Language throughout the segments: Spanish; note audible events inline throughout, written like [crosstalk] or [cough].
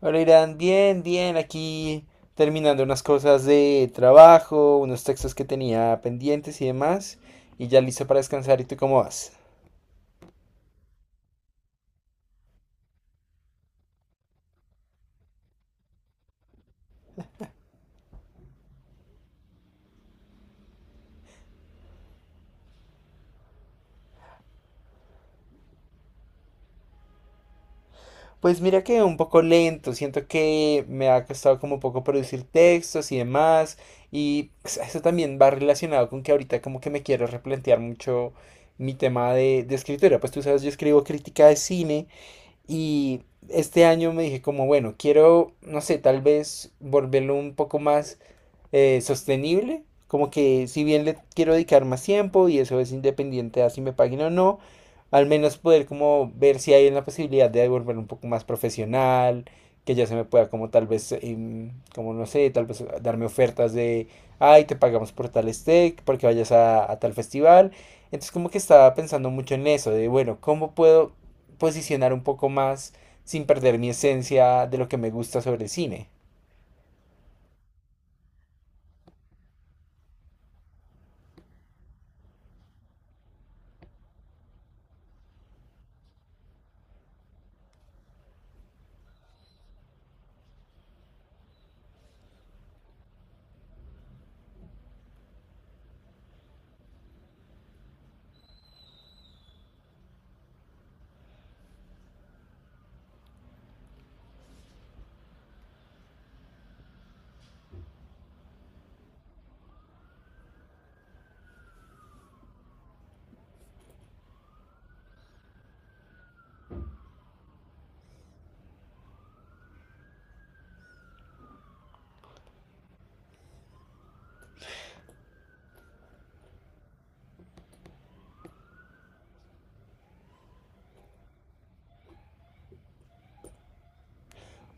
Hola Irán, bien, bien, aquí terminando unas cosas de trabajo, unos textos que tenía pendientes y demás, y ya listo para descansar. ¿Y tú cómo vas? Pues mira que un poco lento, siento que me ha costado como un poco producir textos y demás, y pues, eso también va relacionado con que ahorita como que me quiero replantear mucho mi tema de escritura. Pues tú sabes, yo escribo crítica de cine y este año me dije como, bueno, quiero, no sé, tal vez volverlo un poco más sostenible. Como que si bien le quiero dedicar más tiempo y eso es independiente a si me paguen o no, al menos poder como ver si hay la posibilidad de volver un poco más profesional, que ya se me pueda como tal vez, como no sé, tal vez darme ofertas de, ay, te pagamos por tal steak, porque vayas a tal festival. Entonces como que estaba pensando mucho en eso, de bueno, ¿cómo puedo posicionar un poco más sin perder mi esencia de lo que me gusta sobre cine?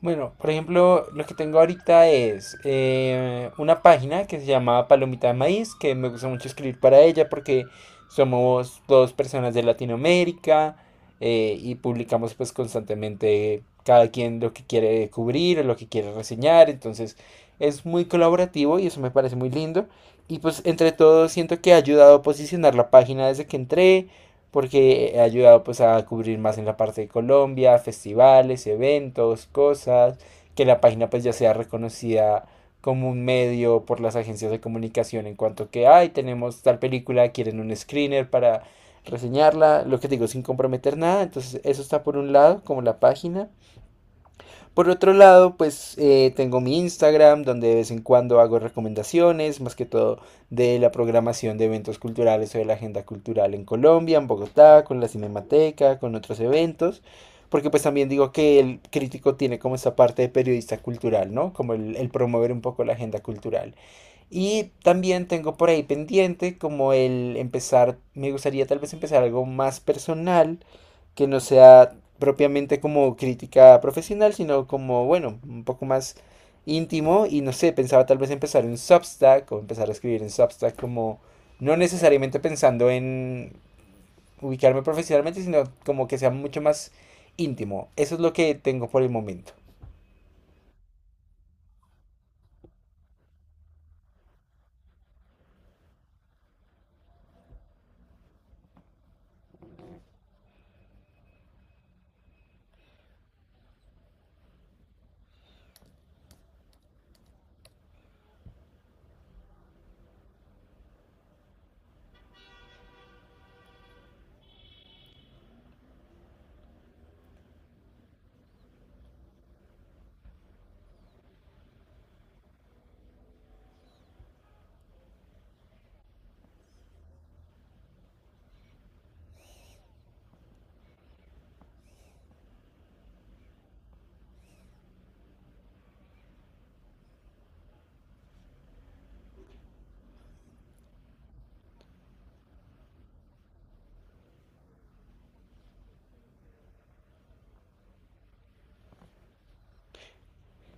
Bueno, por ejemplo, lo que tengo ahorita es una página que se llama Palomita de Maíz, que me gusta mucho escribir para ella porque somos dos personas de Latinoamérica y publicamos pues constantemente cada quien lo que quiere cubrir o lo que quiere reseñar, entonces es muy colaborativo y eso me parece muy lindo. Y pues entre todo siento que ha ayudado a posicionar la página desde que entré, porque he ayudado pues a cubrir más en la parte de Colombia, festivales, eventos, cosas, que la página pues ya sea reconocida como un medio por las agencias de comunicación en cuanto que, ay, tenemos tal película, quieren un screener para reseñarla, lo que digo, sin comprometer nada, entonces eso está por un lado, como la página. Por otro lado, pues tengo mi Instagram donde de vez en cuando hago recomendaciones, más que todo de la programación de eventos culturales o de la agenda cultural en Colombia, en Bogotá, con la Cinemateca, con otros eventos, porque pues también digo que el crítico tiene como esa parte de periodista cultural, ¿no? Como el promover un poco la agenda cultural. Y también tengo por ahí pendiente como el empezar, me gustaría tal vez empezar algo más personal que no sea propiamente como crítica profesional, sino como, bueno, un poco más íntimo y no sé, pensaba tal vez empezar un Substack o empezar a escribir en Substack como no necesariamente pensando en ubicarme profesionalmente, sino como que sea mucho más íntimo. Eso es lo que tengo por el momento.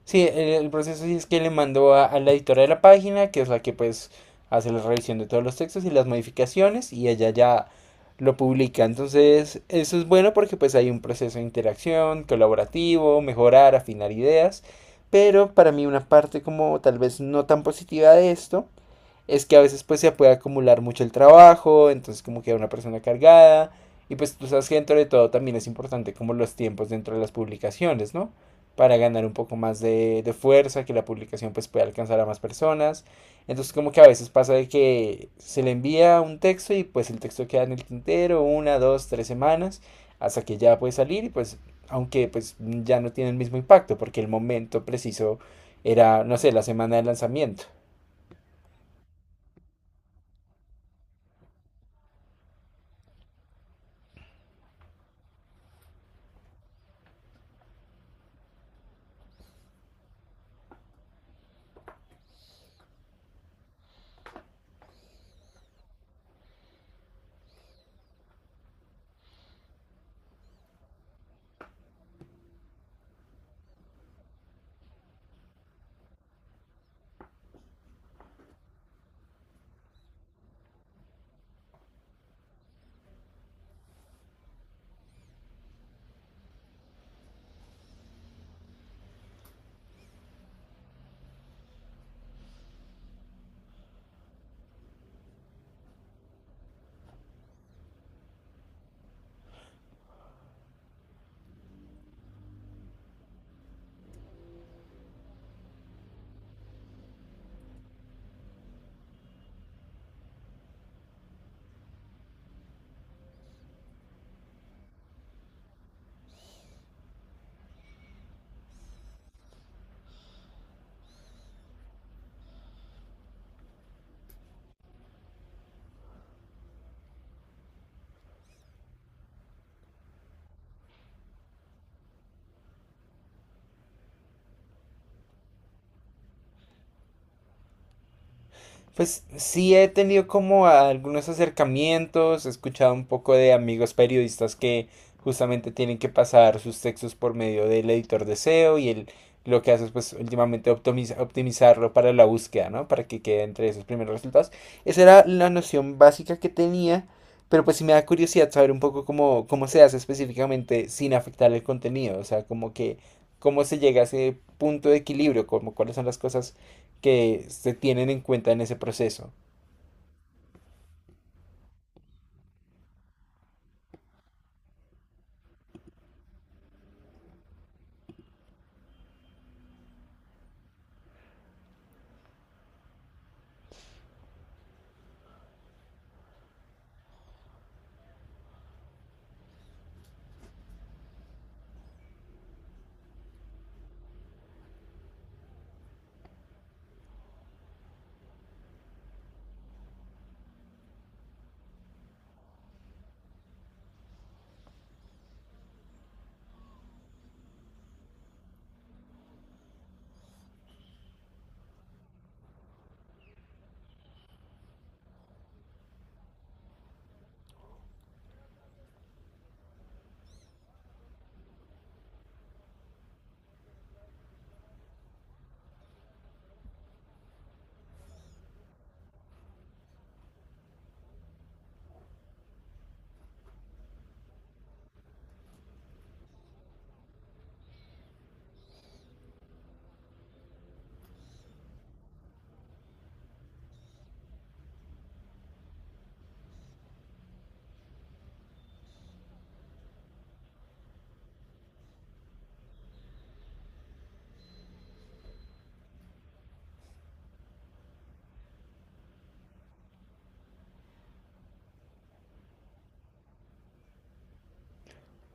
Sí, el proceso sí es que le mandó a la editora de la página, que es la que pues hace la revisión de todos los textos y las modificaciones, y ella ya lo publica. Entonces, eso es bueno porque pues hay un proceso de interacción, colaborativo, mejorar, afinar ideas. Pero para mí una parte como tal vez no tan positiva de esto es que a veces pues se puede acumular mucho el trabajo, entonces como queda una persona cargada. Y pues tú sabes que dentro de todo también es importante como los tiempos dentro de las publicaciones, ¿no? Para ganar un poco más de fuerza, que la publicación pues pueda alcanzar a más personas. Entonces como que a veces pasa de que se le envía un texto y pues el texto queda en el tintero una, dos, tres semanas hasta que ya puede salir y pues aunque pues ya no tiene el mismo impacto porque el momento preciso era, no sé, la semana de lanzamiento. Pues sí he tenido como algunos acercamientos, he escuchado un poco de amigos periodistas que justamente tienen que pasar sus textos por medio del editor de SEO y él lo que hace es pues últimamente optimizarlo para la búsqueda, ¿no? Para que quede entre esos primeros resultados. Esa era la noción básica que tenía, pero pues sí me da curiosidad saber un poco cómo, cómo se hace específicamente sin afectar el contenido, o sea, como que cómo se llega a ese punto de equilibrio, como cuáles son las cosas que se tienen en cuenta en ese proceso.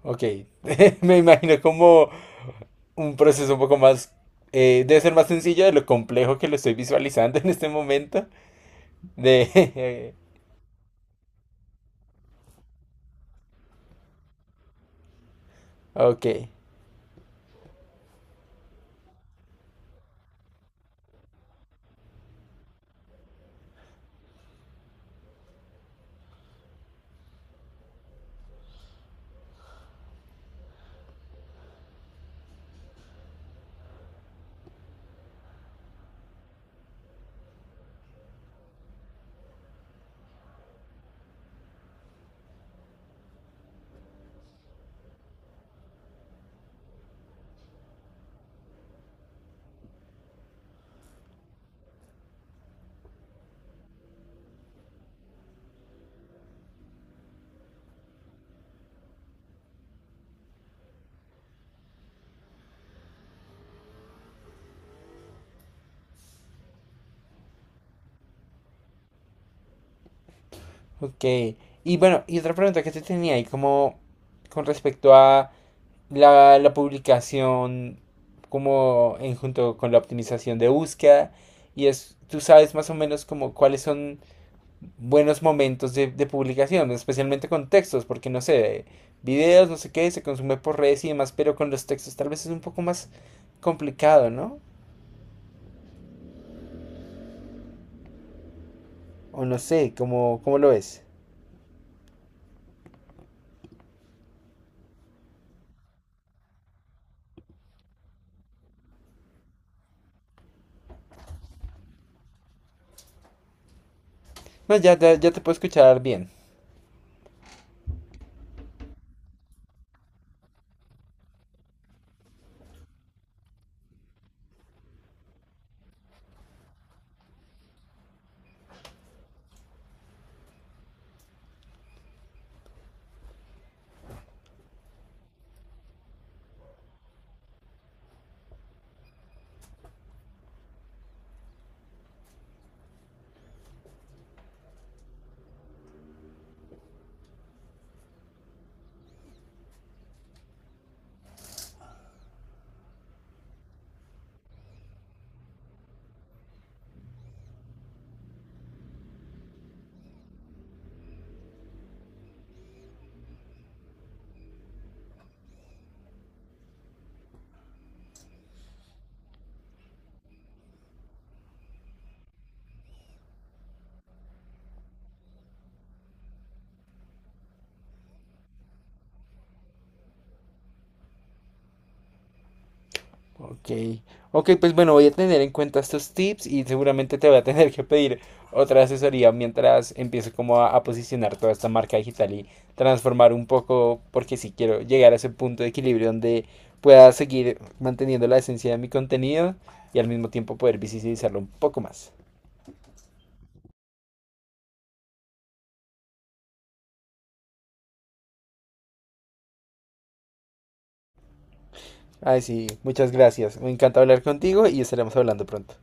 Ok, [laughs] me imagino como un proceso un poco más... debe ser más sencillo de lo complejo que lo estoy visualizando en este momento. De... [laughs] Ok, ok. Y bueno, y otra pregunta que te tenía ahí como con respecto a la publicación como en junto con la optimización de búsqueda. Y es, tú sabes más o menos como cuáles son buenos momentos de publicación, especialmente con textos, porque no sé, videos, no sé qué, se consume por redes y demás, pero con los textos tal vez es un poco más complicado, ¿no? O no sé, ¿cómo, cómo lo ves? No, ya, ya, ya te puedo escuchar bien. Ok, ok, pues bueno, voy a tener en cuenta estos tips y seguramente te voy a tener que pedir otra asesoría mientras empiezo como a posicionar toda esta marca digital y transformar un poco, porque si quiero llegar a ese punto de equilibrio donde pueda seguir manteniendo la esencia de mi contenido y al mismo tiempo poder visibilizarlo un poco más. Ay, sí, muchas gracias. Me encanta hablar contigo y estaremos hablando pronto.